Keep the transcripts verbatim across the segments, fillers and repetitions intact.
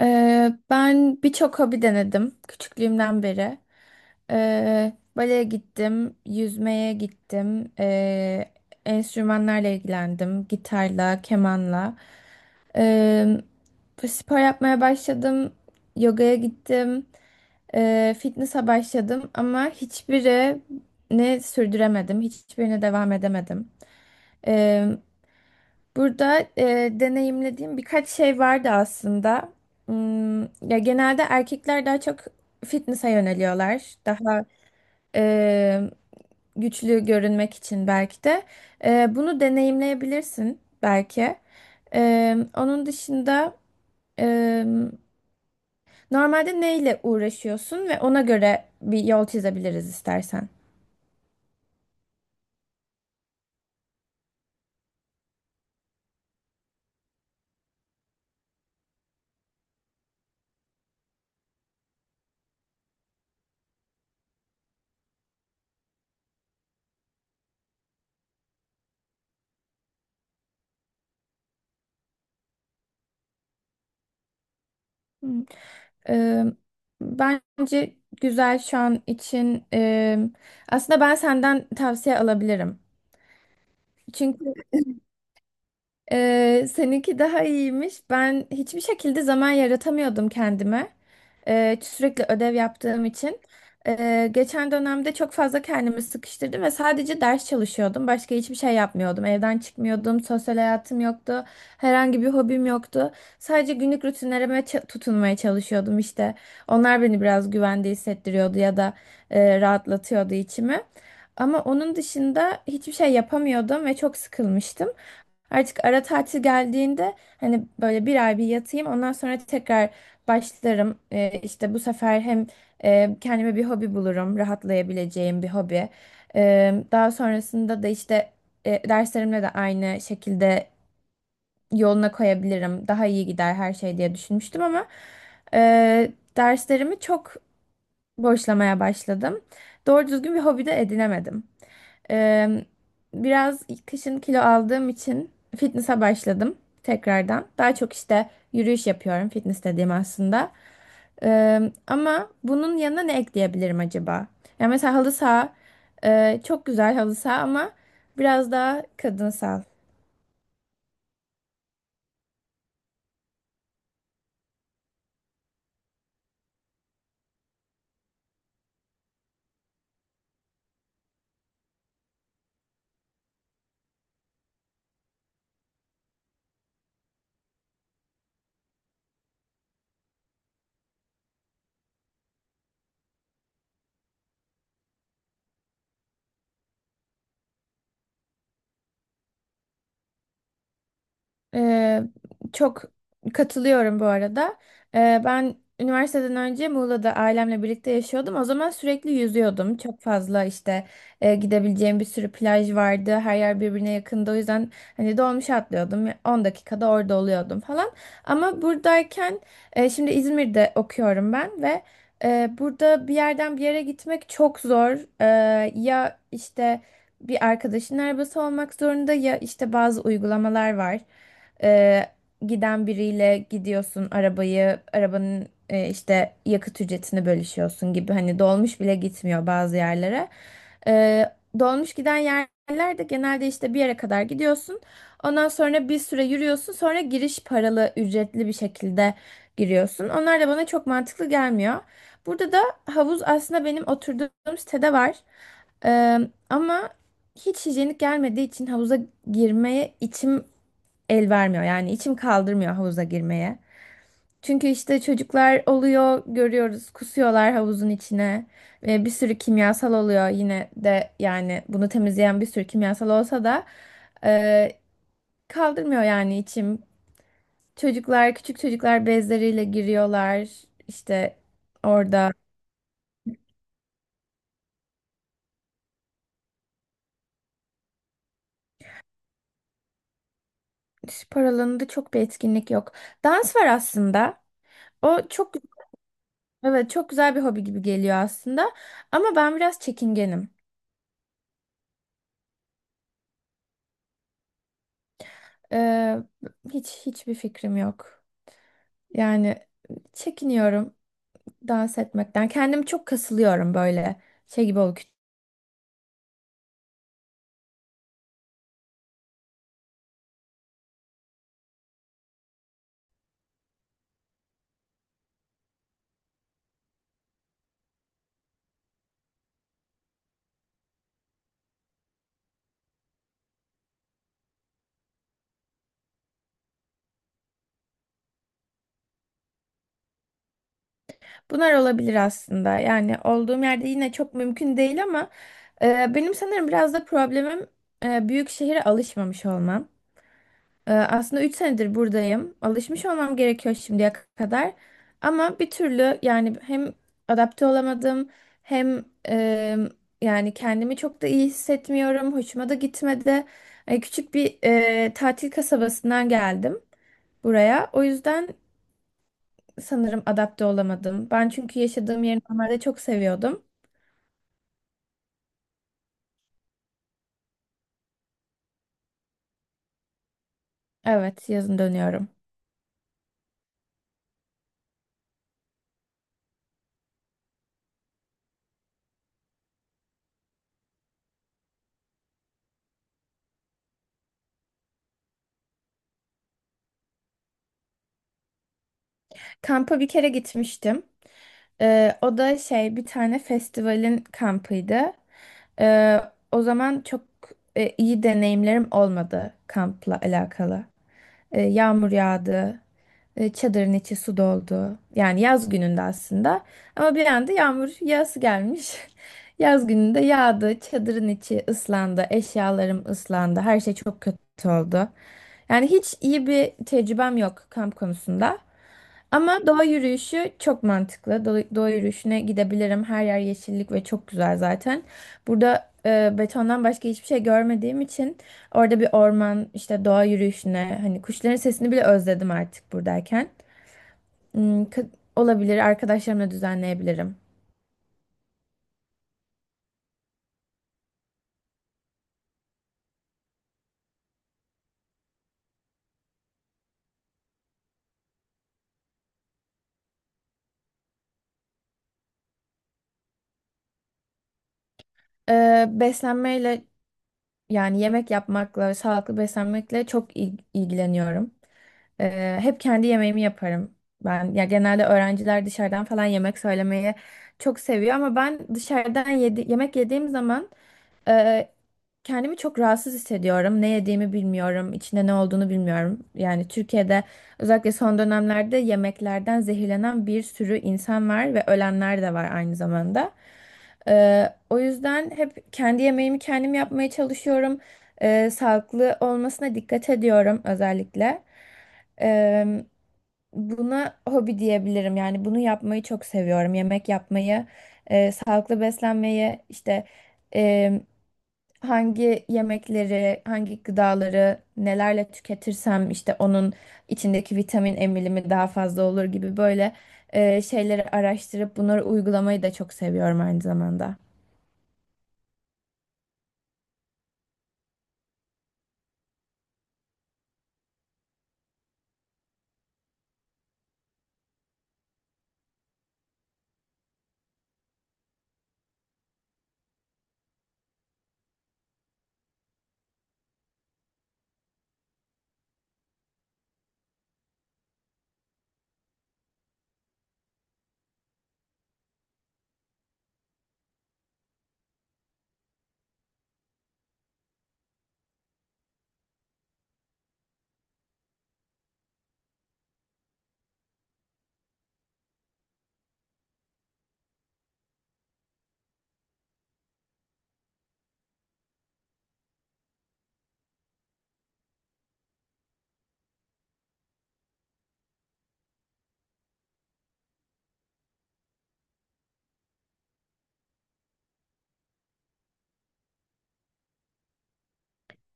Ee, ben birçok hobi denedim küçüklüğümden beri. Ee, baleye gittim, yüzmeye gittim, ee, enstrümanlarla ilgilendim, gitarla, kemanla. Ee, Spor yapmaya başladım, yogaya gittim, ee, fitness'a başladım ama hiçbirini sürdüremedim, hiçbirine devam edemedim. Burada e, deneyimlediğim birkaç şey vardı aslında. Hmm, ya genelde erkekler daha çok fitness'a yöneliyorlar. Daha e, güçlü görünmek için belki de. E, bunu deneyimleyebilirsin belki. E, onun dışında e, normalde neyle uğraşıyorsun ve ona göre bir yol çizebiliriz istersen. Hmm. Eee, Bence güzel şu an için. Eee, aslında ben senden tavsiye alabilirim. Çünkü Ee, seninki daha iyiymiş. Ben hiçbir şekilde zaman yaratamıyordum kendime. Ee, sürekli ödev yaptığım için. Ee, geçen dönemde çok fazla kendimi sıkıştırdım ve sadece ders çalışıyordum. Başka hiçbir şey yapmıyordum. Evden çıkmıyordum, sosyal hayatım yoktu, herhangi bir hobim yoktu. Sadece günlük rutinlerime ça- tutunmaya çalışıyordum işte. Onlar beni biraz güvende hissettiriyordu ya da e, rahatlatıyordu içimi. Ama onun dışında hiçbir şey yapamıyordum ve çok sıkılmıştım. Artık ara tatil geldiğinde hani böyle bir ay bir yatayım ondan sonra tekrar başlarım. Ee, işte bu sefer hem e, kendime bir hobi bulurum, rahatlayabileceğim bir hobi. Ee, daha sonrasında da işte e, derslerimle de aynı şekilde yoluna koyabilirim. Daha iyi gider her şey diye düşünmüştüm ama e, derslerimi çok boşlamaya başladım. Doğru düzgün bir hobi de edinemedim. Eee, Biraz kışın kilo aldığım için fitness'a başladım tekrardan. Daha çok işte yürüyüş yapıyorum fitness dediğim aslında. Eee, ama bunun yanına ne ekleyebilirim acaba? Yani mesela halı saha eee, çok güzel halı saha ama biraz daha kadınsal. Ee, Çok katılıyorum bu arada. Ee, ben üniversiteden önce Muğla'da ailemle birlikte yaşıyordum. O zaman sürekli yüzüyordum. Çok fazla işte e, gidebileceğim bir sürü plaj vardı. Her yer birbirine yakındı. O yüzden hani dolmuşa atlıyordum. on dakikada orada oluyordum falan. Ama buradayken e, şimdi İzmir'de okuyorum ben ve e, burada bir yerden bir yere gitmek çok zor. Ee, ya işte bir arkadaşın arabası olmak zorunda ya işte bazı uygulamalar var e, giden biriyle gidiyorsun arabayı, arabanın e, işte yakıt ücretini bölüşüyorsun gibi. Hani dolmuş bile gitmiyor bazı yerlere. E, Dolmuş giden yerlerde genelde işte bir yere kadar gidiyorsun. Ondan sonra bir süre yürüyorsun. Sonra giriş paralı, ücretli bir şekilde giriyorsun. Onlar da bana çok mantıklı gelmiyor. Burada da havuz aslında benim oturduğum sitede var. Ee, Ama hiç hijyenik gelmediği için havuza girmeye içim el vermiyor. Yani içim kaldırmıyor havuza girmeye. Çünkü işte çocuklar oluyor, görüyoruz, kusuyorlar havuzun içine. Ve bir sürü kimyasal oluyor yine de yani bunu temizleyen bir sürü kimyasal olsa da e, kaldırmıyor yani içim. Çocuklar, küçük çocuklar bezleriyle giriyorlar. İşte orada spor alanında çok bir etkinlik yok. Dans var aslında. O çok evet çok güzel bir hobi gibi geliyor aslında. Ama ben biraz çekingenim. Ee, hiç hiçbir fikrim yok. Yani çekiniyorum dans etmekten. Kendimi çok kasılıyorum böyle şey gibi oluyor. Bunlar olabilir aslında. Yani olduğum yerde yine çok mümkün değil ama e, benim sanırım biraz da problemim e, büyük şehire alışmamış olmam. Ee, Aslında üç senedir buradayım. Alışmış olmam gerekiyor şimdiye kadar. Ama bir türlü yani hem adapte olamadım hem e, yani kendimi çok da iyi hissetmiyorum. Hoşuma da gitmedi. Ee, küçük bir e, tatil kasabasından geldim buraya. O yüzden sanırım adapte olamadım. Ben çünkü yaşadığım yeri normalde çok seviyordum. Evet, yazın dönüyorum. Kampa bir kere gitmiştim. Ee, o da şey bir tane festivalin kampıydı. Ee, O zaman çok e, iyi deneyimlerim olmadı kampla alakalı. Ee, yağmur yağdı, e, çadırın içi su doldu. Yani yaz gününde aslında. Ama bir anda yağmur yağısı gelmiş. Yaz gününde yağdı, çadırın içi ıslandı, eşyalarım ıslandı, her şey çok kötü oldu. Yani hiç iyi bir tecrübem yok kamp konusunda. Ama doğa yürüyüşü çok mantıklı. Do- Doğa yürüyüşüne gidebilirim. Her yer yeşillik ve çok güzel zaten. Burada e, betondan başka hiçbir şey görmediğim için orada bir orman, işte doğa yürüyüşüne, hani kuşların sesini bile özledim artık buradayken. Hmm, kı- olabilir. Arkadaşlarımla düzenleyebilirim. E, beslenmeyle yani yemek yapmakla, sağlıklı beslenmekle çok il- ilgileniyorum. Ee, hep kendi yemeğimi yaparım. Ben ya genelde öğrenciler dışarıdan falan yemek söylemeyi çok seviyor ama ben dışarıdan yedi, yemek yediğim zaman ee, kendimi çok rahatsız hissediyorum. Ne yediğimi bilmiyorum, içinde ne olduğunu bilmiyorum. Yani Türkiye'de özellikle son dönemlerde yemeklerden zehirlenen bir sürü insan var ve ölenler de var aynı zamanda. Ee, o yüzden hep kendi yemeğimi kendim yapmaya çalışıyorum. Ee, sağlıklı olmasına dikkat ediyorum özellikle. Ee, Buna hobi diyebilirim. Yani bunu yapmayı çok seviyorum. Yemek yapmayı, e, sağlıklı beslenmeyi, işte hangi yemekleri, hangi gıdaları nelerle tüketirsem işte onun içindeki vitamin emilimi daha fazla olur gibi böyle e, şeyleri araştırıp bunları uygulamayı da çok seviyorum aynı zamanda.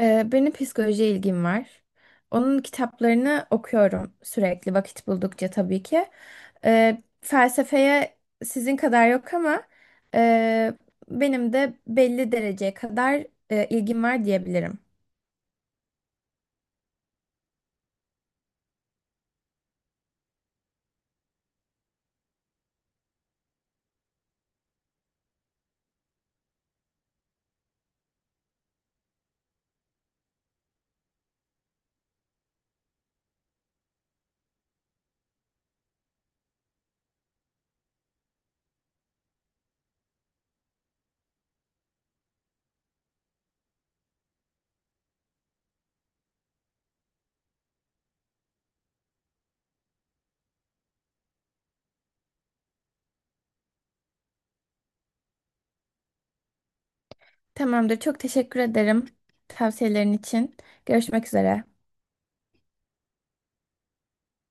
Ee, benim psikolojiye ilgim var. Onun kitaplarını okuyorum sürekli vakit buldukça tabii ki. Ee, felsefeye sizin kadar yok ama e, benim de belli dereceye kadar e, ilgim var diyebilirim. Tamamdır. Çok teşekkür ederim tavsiyelerin için. Görüşmek üzere.